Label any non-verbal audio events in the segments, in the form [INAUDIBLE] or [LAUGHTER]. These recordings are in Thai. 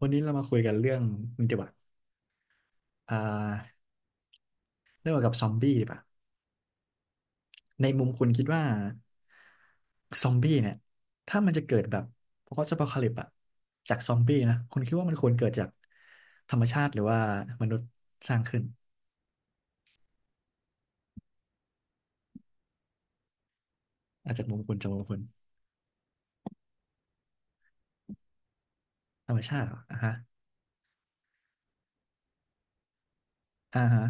วันนี้เรามาคุยกันเรื่องนี่ดีกว่าอ่าเรื่องเกี่ยวกับซอมบี้ดีป่ะในมุมคุณคิดว่าซอมบี้เนี่ยถ้ามันจะเกิดแบบพอสต์อพอคาลิปอะจากซอมบี้นะคุณคิดว่ามันควรเกิดจากธรรมชาติหรือว่ามนุษย์สร้างขึ้นอาจจากมุมคุณจากมุมคุณธรรมชาติเหรออ่าฮะอ่าฮะ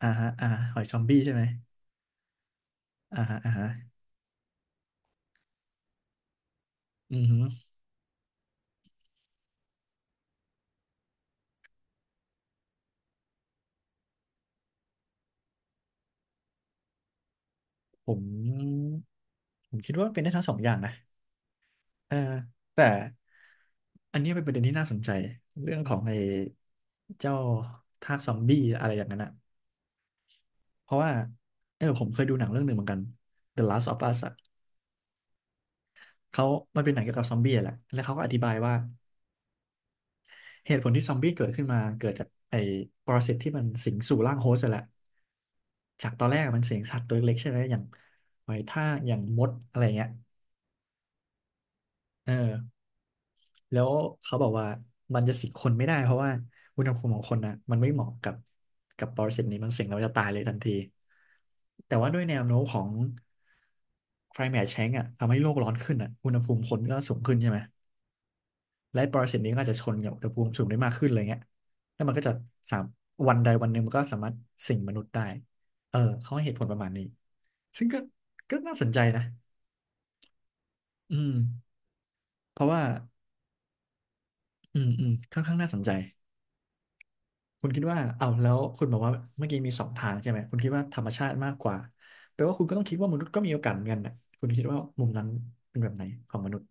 อ่าฮะอ่าะหอยซอมบี้ใช่ไหมอ่าฮะอ่าฮะอือฮึผมผมคิดว่าเป็นได้ทั้งสองอย่างนะ เออแต่อันนี้เป็นประเด็นที่น่าสนใจเรื่องของไอ้เจ้าทากซอมบี้อะไรอย่างนั้นอะเพราะว่าเออผมเคยดูหนังเรื่องหนึ่งเหมือนกัน The Last of Us อะเขามันเป็นหนังเกี่ยวกับซอมบี้อะแหละแล้วเขาก็อธิบายว่าเหตุผลที่ซอมบี้เกิดขึ้นมาเกิดจากไอ้ปรสิตที่มันสิงสู่ร่างโฮสต์อะแหละจากตอนแรกมันสิงสัตว์ตัวเล็กๆใช่ไหมอย่างหอยทากอย่างมดอะไรเงี้ยเออ แล้วเขาบอกว่ามันจะสิงคนไม่ได้เพราะว่าอุณหภูมิของคนนะมันไม่เหมาะกับกับปรสิตนี้มันสิงแล้วจะตายเลยทันทีแต่ว่าด้วยแนวโน้มของ climate change อ่ะทำให้โลกร้อนขึ้นอ่ะอุณหภูมิคนก็สูงขึ้นใช่ไหมและปรสิตนี้ก็อาจจะชนกับอุณหภูมิสูงได้มากขึ้นอะไรเงี้ยแล้วมันก็จะสามวันใดวันหนึ่งมันก็สามารถสิงมนุษย์ได้เออเขาให้เหตุผลประมาณนี้ซึ่งก็ก็น่าสนใจนะอืมเพราะว่าอืมค่อนข้างน่าสนใจ คุณคิดว่า เอ้าวแล้วคุณบอกว่าเมื่อกี้มีสองทางใช่ไหมคุณคิดว่าธรรมชาติมากกว่าแปลว่าคุณก็ต้องคิดว่ามนุษย์ก็มีโอกาสเหมือนกันนะคุณคิดว่ามุมนั้นเป็นแบบไหนของมนุษย์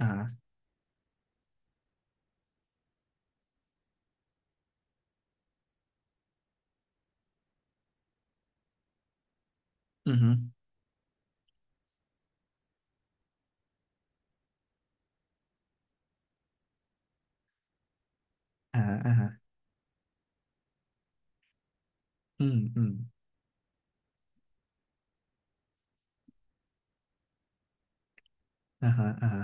อ่าอือฮึอ่าอ่าฮะอืมอืมอ่าฮะอ่าฮะ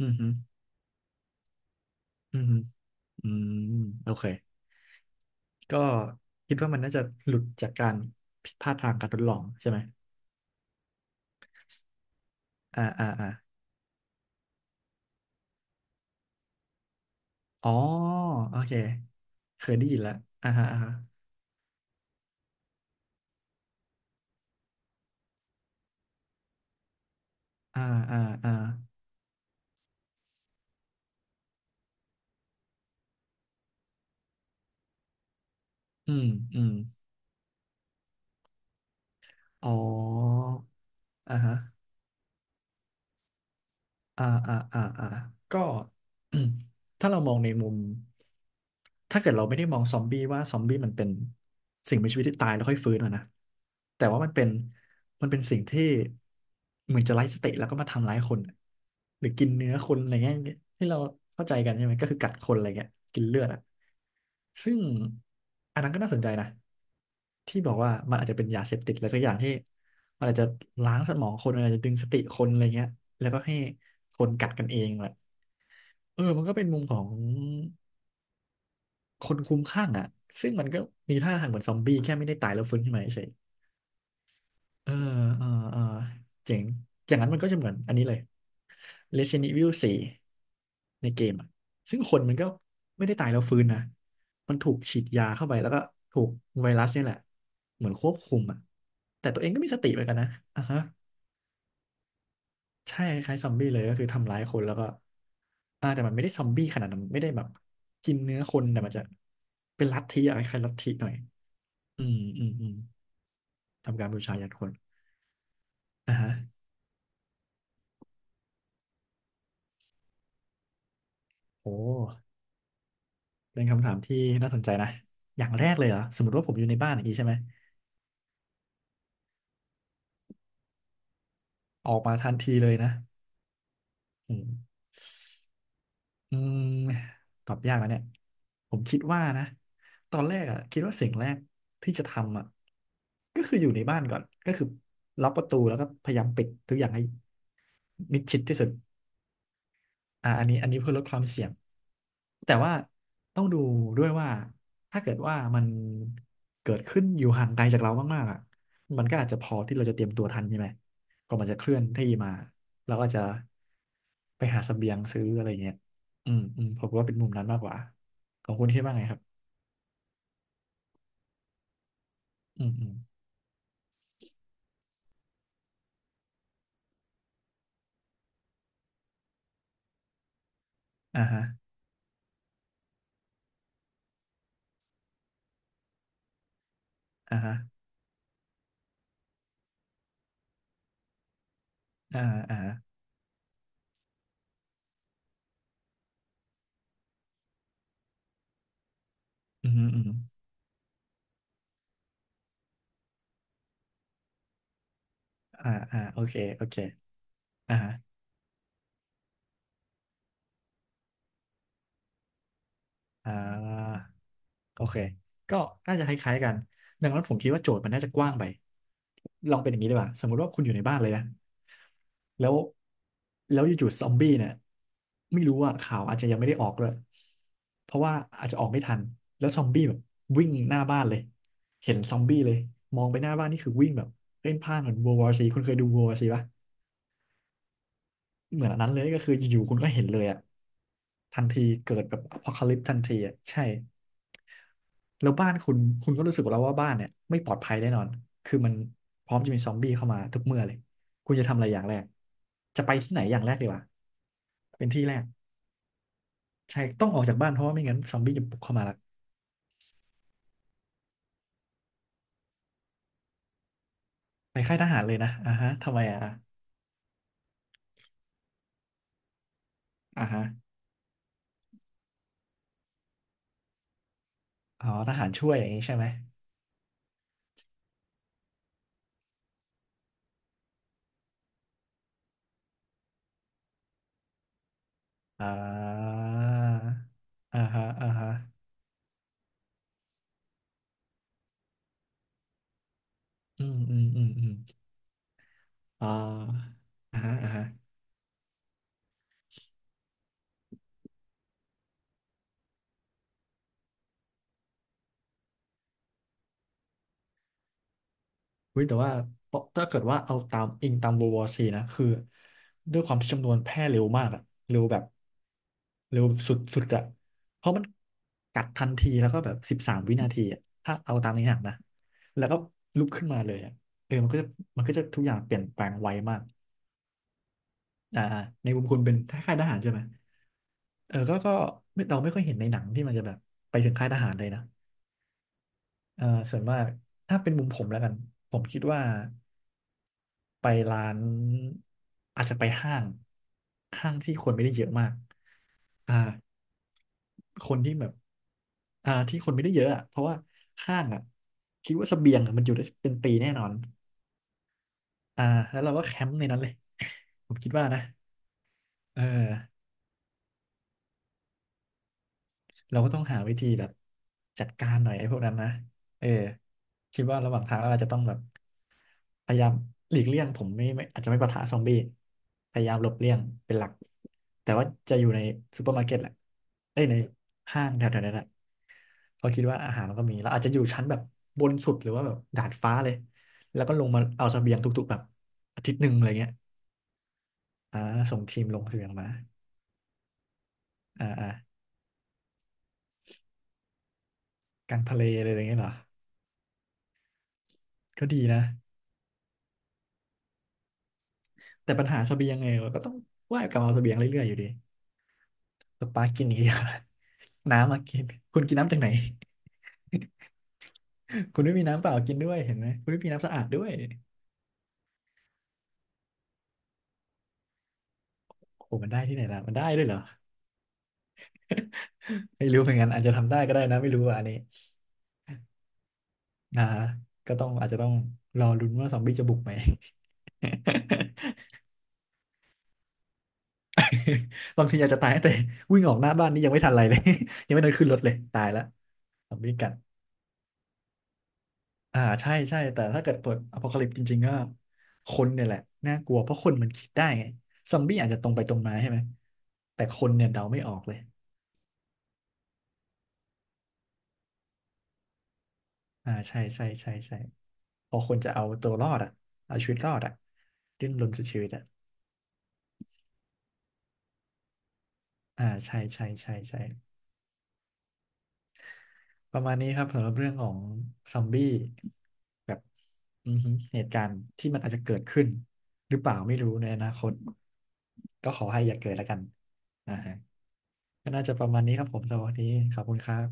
อือฮึอือฮึอืมโอเคก็คิดว่ามันน่าจะหลุดจากการผิดพลาดทางการทดลองใช่ไหมอ่าอ่าอ่าอ๋อโอเคเคยได้ยินแล้วอ่าฮะอ่าฮะอ่าอ่าอ่าอืมอืมอ๋ออ่าฮะ อ่าอ่าอ่าอ่าก็ [CLEARS THROAT] ถ้าเรามองในมุมถ้าเกิดเราไม่ได้มองซอมบี้ว่าซอมบี้มันเป็นสิ่งมีชีวิตที่ตายแล้วค่อยฟื้นอะนะแต่ว่ามันเป็นสิ่งที่เหมือนจะไร้สติแล้วก็มาทำร้ายคนอหรือกินเนื้อคนอะไรเงี้ยที่เราเข้าใจกันใช่ไหมก็คือกัดคนอะไรเงี้ยกินเลือดอะ ซึ่งอันนั้นก็น่าสนใจนะที่บอกว่ามันอาจจะเป็นยาเสพติดอะไรสักอย่างที่มันอาจจะล้างสมองคนมันอาจจะดึงสติคนอะไรเงี้ยแล้วก็ให้คนกัดกันเองแหละเออมันก็เป็นมุมของคนคลุ้มคลั่งอ่ะซึ่งมันก็มีท่าทางเหมือนซอมบี้แค่ไม่ได้ตายแล้วฟื้นขึ้นมาเฉย เออ เออ เออ เจ๋งอย่างนั้นมันก็จะเหมือนอันนี้เลย Resident Evil 4ในเกมอ่ะซึ่งคนมันก็ไม่ได้ตายแล้วฟื้นนะมันถูกฉีดยาเข้าไปแล้วก็ถูกไวรัสเนี่ยแหละ เหมือนควบคุมอ่ะแต่ตัวเองก็มีสติเหมือนกันนะอ่ะฮะใช่คล้ายๆซอมบี้เลยก็คือทำร้ายคนแล้วก็อ่าแต่มันไม่ได้ซอมบี้ขนาดนั้นไม่ได้แบบกินเนื้อคนแต่มันจะเป็นลัทธิอะไรคล้ายๆลัทธิหน่อยอืมอืมอืมทำการบูชายันคนอ่ะฮะโอ้ เป็นคำถามที่น่าสนใจนะอย่างแรกเลยเหรอสมมติว่าผมอยู่ในบ้านอย่างนี้ใช่ไหม ออกมาทันทีเลยนะอืมอืมตอบยากนะเนี่ยผมคิดว่านะตอนแรกอ่ะคิดว่าสิ่งแรกที่จะทำอ่ะก็คืออยู่ในบ้านก่อนก็คือล็อกประตูแล้วก็พยายามปิดทุกอย่างให้มิดชิดที่สุด อ่าอันนี้เพื่อลดความเสี่ยงแต่ว่าต้องดูด้วยว่าถ้าเกิดว่ามันเกิดขึ้นอยู่ห่างไกลจากเรามากๆอ่ะมันก็อาจจะพอที่เราจะเตรียมตัวทันใช่ไหมก่อนมันจะเคลื่อนที่มาเราก็จะไปหาเสบียงซื้ออะไรเงี้ยอืมอืมผมว่าเป็นมุมนั้นมากกว่าของคุณคิดว่าไงครับอืมอืมอ่าฮะอ่าฮะอ่าอ่าอืมอืมอมอ่าอ่าโอเคโอเคอ่าฮะอ่า โอเค ก็น่าจะคล้ายๆกันดังนั้นผมคิดว่าโจทย์มันน่าจะกว้างไปลองเป็นอย่างนี้ดีกว่าสมมติว่าคุณอยู่ในบ้านเลยนะ แล้วแล้วอยู่ๆซอมบี้เนี่ยไม่รู้ว่าข่าวอาจจะยังไม่ได้ออกเลยเพราะว่าอาจจะออกไม่ทันแล้วซอมบี้แบบวิ่งหน้าบ้านเลย เห็นซอมบี้เลยมองไปหน้าบ้านนี่คือวิ่งแบบเพ่นพ่านเหมือน World War ซีคุณเคยดู World War ซีปะ เหมือนอันนั้นเลยก็คืออยู่ๆคุณก็เห็นเลยอะทันทีเกิดแบบอพอคาลิปทันทีอะใช่แล้วบ้านคุณคุณก็รู้สึกแล้วว่าบ้านเนี่ยไม่ปลอดภัยแน่นอนคือมันพร้อมจะมีซอมบี้เข้ามาทุกเมื่อเลยคุณจะทำอะไรอย่างแรกจะไปที่ไหนอย่างแรกดีวะเป็นที่แรกใช่ต้องออกจากบ้านเพราะว่าไม่งั้นซอมบี้จะบุกเข้ามาละไปค่ายทหารเลยนะอ่าฮะทำไมอ่ะอ่าฮะอ๋อทหารช่วยอย่างนี้ใช่ไหมอ่าอ่าฮะอ่าฮะอืมอืมอืมอืม อ่าอ่าฮะอ่าฮะเฮ้ยแต่ว่าถ้าเกิดว่าเอาตามอิงตาม World War ซีนะคือด้วยความที่จำนวนแพร่เร็วมากอะเร็วแบบเร็วสุดสุดอะเพราะมันกัดทันทีแล้วก็แบบ13 วินาทีอะถ้าเอาตามในหนังนะแล้วก็ลุกขึ้นมาเลยอะเออมันก็จะทุกอย่างเปลี่ยนแปลงไวมากอ่าอ่าในมุมคุณเป็นค่ายทหารใช่ไหมเออก็ก็ไม่เราไม่ค่อยเห็นในหนังที่มันจะแบบไปถึงค่ายทหารเลยนะเอ่อส่วนมากถ้าเป็นมุมผมแล้วกันผมคิดว่า ไปร้านอาจจะไปห้างห้างที่คนไม่ได้เยอะมากอ่าคนที่แบบอ่าที่คนไม่ได้เยอะอ่ะเพราะว่าห้างอ่ะคิดว่าเสบียงอะมันอยู่ได้เป็นปีแน่นอนอ่าแล้วเราก็แคมป์ในนั้นเลย [LAUGHS] ผมคิดว่านะเออ เราก็ต้องหาวิธีแบบจัดการหน่อยไอ้พวกนั้นนะเออคิดว่าระหว่างทางเราอาจจะต้องแบบพยายามหลีกเลี่ยงผมไม่อาจจะไม่ปะทะซอมบี้พยายามหลบเลี่ยงเป็นหลัก แต่ว่าจะอยู่ในซูเปอร์มาร์เก็ตแหละเอ้ยในห้างแถวๆนั้นแหละเพราะคิดว่าอาหารมันก็มีเราอาจจะอยู่ชั้นแบบบนสุดหรือว่าแบบดาดฟ้าเลย แล้วก็ลงมาเอาเสบียงทุกๆแบบอาทิตย์หนึ่งอะไรเงี้ยอ่าส่งทีมลงเสบียงมาอ่าอ่ากลางทะเลอะไรอย่างเงี้ยเหรอก็ดีนะ แต่ปัญหาเสบียงไงเราก็ต้องว่ายกลับมาเอาเสบียงเรื่อยๆอยู่ดีตกปลากินอย่างเดียว [LAUGHS] น้ำมากินคุณกินน้ำจากไหนคุณไม่มีน้ำเปล่ากินด้วยเห็นไหมคุณไม่มีน้ำสะอาดด้วยโอ้โหมันได้ที่ไหนล่ะมันได้ด้วยเหรอไม่รู้เหมือนกันอาจจะทำได้ก็ได้นะไม่รู้อะอันนี้นะก็ต้องอาจจะต้องรอลุ้นว่าซอมบี้จะบุกไหม [LAUGHS] บางทีอยากจะตายตั้งแต่วิ่งออกหน้าบ้านนี่ยังไม่ทันไรเลย [LAUGHS] ยังไม่ทันขึ้นรถเลยตายแล้วซอมบี้กัด อ่าใช่ใช่แต่ถ้าเกิดเปิดอ p อ c a ลิป e จริงๆก็คนเนี่ยแหละน่ากลัวเพราะคนมันคิดได้ไงซอมบี้อาจจะตรงไปตรงมาใช่ไหมแต่คนเนี่ยเดาไม่ออกเลยอ่าใช่ใช่ใช่ใช่พอคนจะเอาตัวรอดอ่ะเอาชีวิตรอดอ่ะดิ้นรนสุดชีวิตอ่ะอ่าใช่ใช่ใช่ใช่ประมาณนี้ครับสำหรับเรื่องของซอมบี้แบบอือฮึเหตุการณ์ที่มันอาจจะเกิดขึ้นหรือเปล่าไม่รู้ในอนาคตก็ขอให้อย่าเกิดแล้วกันอ่าฮะ ก็น่าจะประมาณนี้ครับผมสำหรับวันนี้ขอบคุณครับ